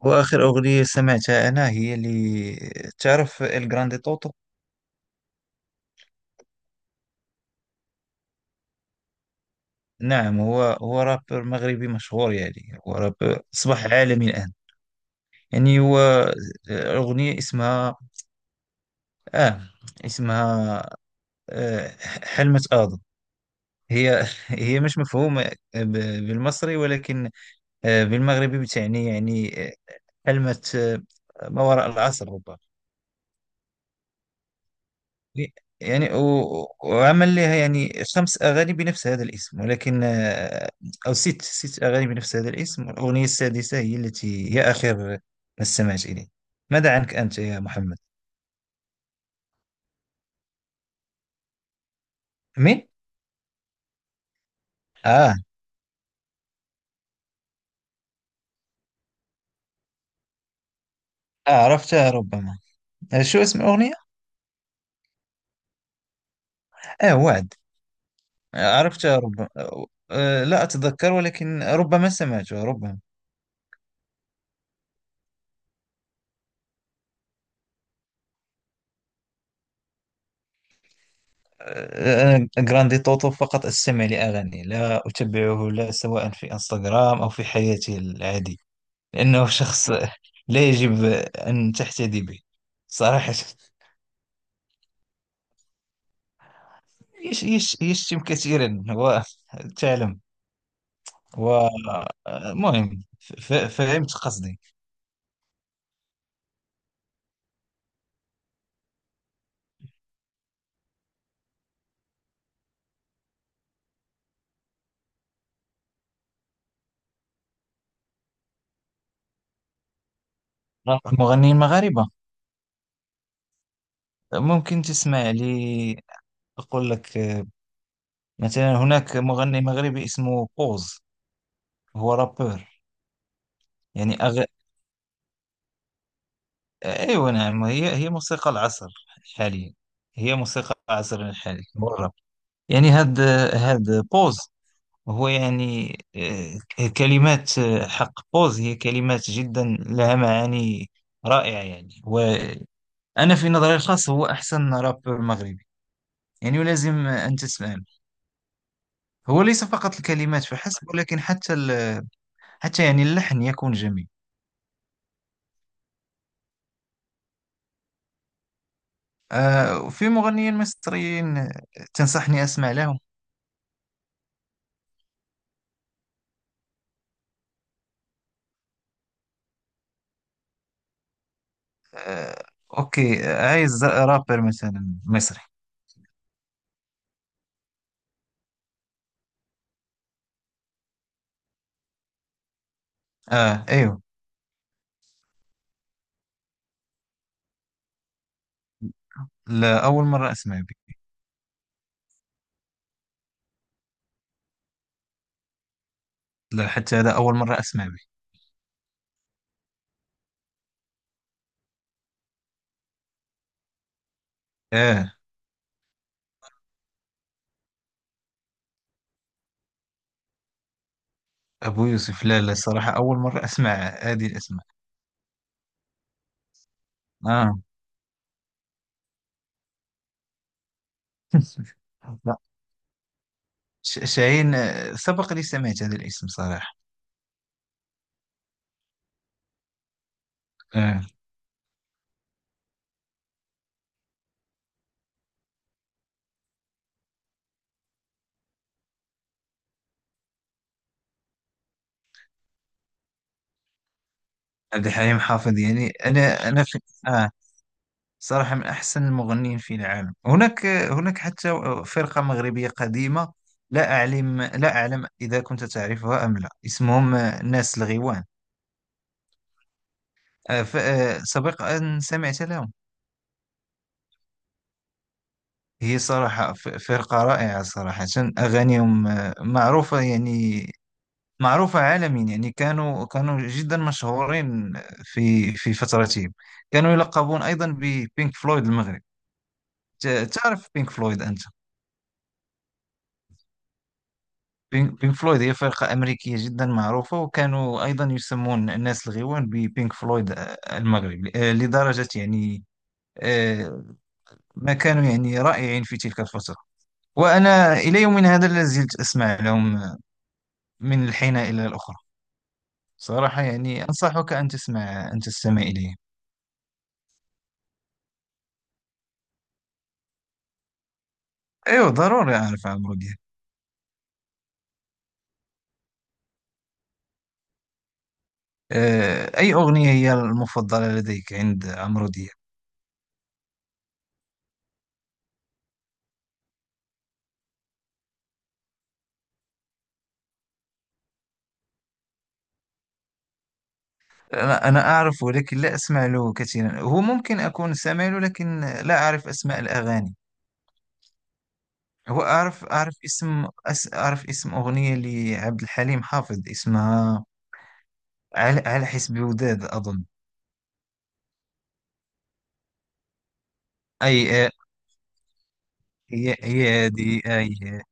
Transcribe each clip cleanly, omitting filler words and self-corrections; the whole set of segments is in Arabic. وآخر أغنية سمعتها أنا هي اللي تعرف الجراندي طوطو؟ نعم، هو رابر مغربي مشهور. يعني هو رابر أصبح عالمي الآن. يعني هو آه، أغنية اسمها آه اسمها آه حلمة آدم. هي هي مش مفهومة آه، ب- بالمصري، ولكن بالمغربي بتعني حلمة، ما وراء العصر ربما. وعمل لها خمس أغاني بنفس هذا الاسم، ولكن آه، أو ست أغاني بنفس هذا الاسم، والأغنية السادسة هي التي هي آخر ما استمعت إليه. ماذا عنك أنت يا محمد؟ مين؟ آه, آه، عرفتها ربما. آه، شو اسم الأغنية؟ آه، وعد. آه، عرفتها ربما. لا أتذكر، ولكن ربما سمعتها ربما. أنا جراندي توتو فقط أستمع لأغاني، لا أتبعه، لا سواء في انستغرام أو في حياتي العادية، لأنه شخص لا يجب أن تحتدي به صراحة. يش يش يشتم كثيرا وتعلم ومهم. فهمت قصدي. المغنيين المغاربة ممكن تسمع لي. أقول لك، مثلا هناك مغني مغربي اسمه قوز، هو رابر. يعني أغ... أيوة، نعم هي هي موسيقى العصر حاليا. هي موسيقى العصر الحالي هو الراب. يعني هاد هاد بوز هو يعني، كلمات، حق بوز هي كلمات جدا لها معاني رائعة. يعني وأنا في نظري الخاص هو أحسن رابر مغربي. يعني ولازم أن تسمع له. هو ليس فقط الكلمات فحسب، ولكن حتى يعني اللحن يكون جميل. في مغنيين مصريين تنصحني أسمع لهم؟ آه، أوكي، عايز رابر مثلا مصري. آه أيوه. لا، أول مرة أسمع به. لا، حتى هذا أول مرة أسمع به. آه، أبو يوسف؟ لا، لا، الصراحة أول مرة أسمع هذه الأسماء. آه. لا. شاهين، سبق لي سمعت هذا الاسم صراحة. آه. عبد الحليم حافظ يعني أنا في آه، صراحة من أحسن المغنيين في العالم. هناك هناك حتى فرقة مغربية قديمة، لا أعلم إذا كنت تعرفها أم لا، اسمهم ناس الغيوان. سبق أن سمعت لهم. هي صراحة فرقة رائعة صراحة. أغانيهم معروفة، يعني معروفة عالميا. يعني كانوا جدا مشهورين في فترتهم. كانوا يلقبون أيضا ببينك فلويد المغرب. تعرف بينك فلويد أنت؟ بينك فلويد هي فرقة أمريكية جدا معروفة، وكانوا أيضا يسمون الناس الغيوان ببينك فلويد المغرب، لدرجة يعني، آه، ما كانوا يعني رائعين في تلك الفترة. وأنا إلى يومنا هذا لا زلت أسمع لهم من الحين إلى الأخرى. صراحة يعني أنصحك أن تسمع، أن تستمع إليهم. أيوه، ضروري أعرف عمرو دياب. أي أغنية هي المفضلة لديك عند عمرو دياب؟ أنا أعرف، ولكن لا أسمع له كثيرا. هو ممكن أكون سامع له، لكن لا أعرف أسماء الأغاني. هو أعرف، أعرف اسم أغنية لعبد الحليم حافظ، اسمها على حسب وداد أظن. أي هي هي هذه أي،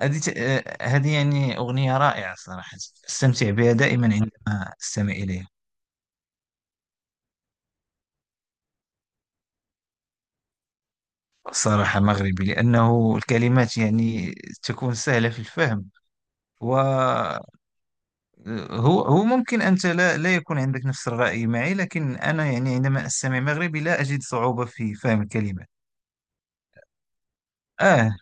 هذه ت- آه، هذه يعني أغنية رائعة صراحة. أستمتع بها دائما عندما أستمع إليها. صراحة مغربي، لأنه الكلمات يعني تكون سهلة في الفهم. وهو هو ممكن أنت لا يكون عندك نفس الرأي معي، لكن أنا يعني عندما أستمع مغربي لا أجد صعوبة في فهم الكلمات. آه.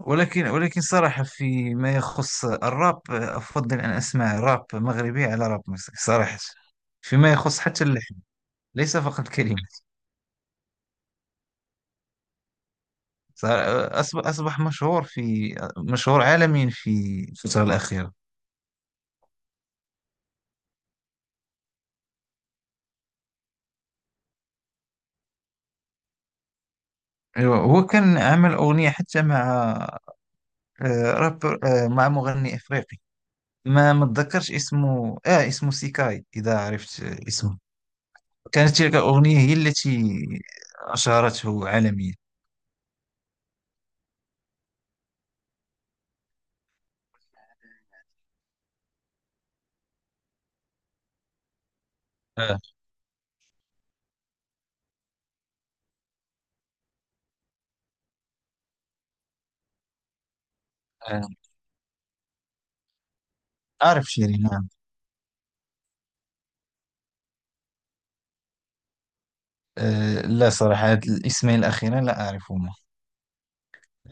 ولكن صراحة في ما يخص الراب، أفضل أن أسمع راب مغربي على راب مصري صراحة. فيما يخص حتى اللحن، ليس فقط الكلمات. أصبح، مشهور في، مشهور عالميا في الفترة الأخيرة. ايوه، هو كان عمل اغنيه حتى مع آه، رابر آه، مع مغني افريقي، ما اتذكرش اسمه. اه اسمه سيكاي، اذا عرفت اسمه. كانت تلك الاغنيه هي التي اشهرته عالميا. آه. آه. اعرف شيرين، نعم. آه. لا صراحه، هاد الاسمين الاخيرين لا اعرفهما،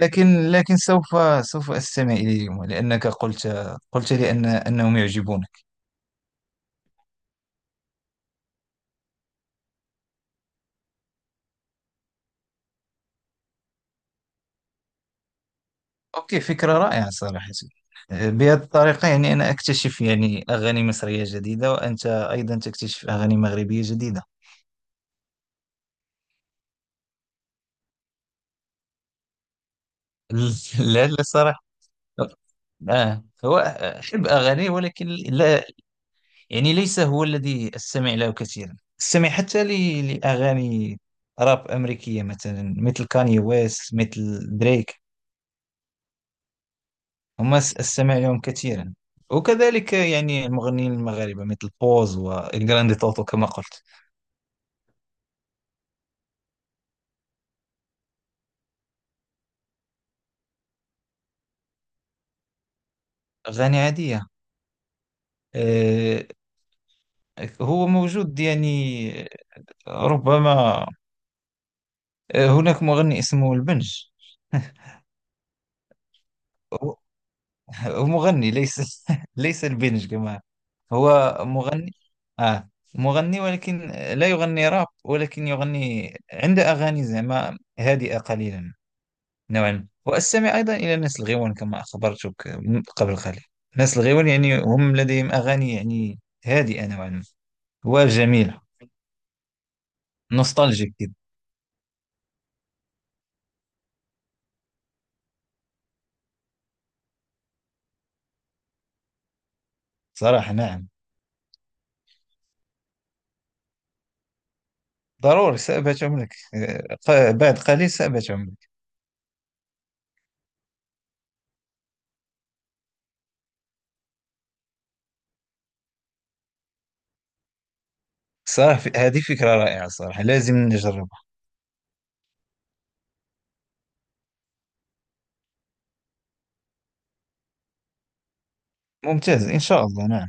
لكن سوف استمع اليهما، لانك قلت لي ان انهم يعجبون. اوكي، فكرة رائعة صراحة. بهذه الطريقة يعني أنا أكتشف يعني أغاني مصرية جديدة، وأنت أيضا تكتشف أغاني مغربية جديدة. لا صراحة. آه، هو أحب أغاني، ولكن لا يعني ليس هو الذي أستمع له كثيرا. أستمع حتى لأغاني راب أمريكية، مثلا مثل كاني ويست، مثل دريك. أستمع لهم كثيرا. وكذلك يعني المغنيين المغاربة مثل بوز والجراندي توتو كما قلت. أغاني عادية، آه، هو موجود يعني، ربما هناك مغني اسمه البنج. هو هو مغني، ليس ليس البنج كما، هو مغني آه مغني، ولكن لا يغني راب، ولكن يغني عنده أغاني زعما هادئة قليلا نوعا. وأستمع أيضا إلى ناس الغيوان كما أخبرتك من قبل قليل. ناس الغيوان يعني هم لديهم أغاني يعني هادئة نوعا ما، وجميلة. نوستالجيك كده. صراحة نعم. ضروري سأبت عمرك بعد قليل سأبت عمرك. صراحة هذه فكرة رائعة صراحة، لازم نجربها. ممتاز، إن شاء الله نعم.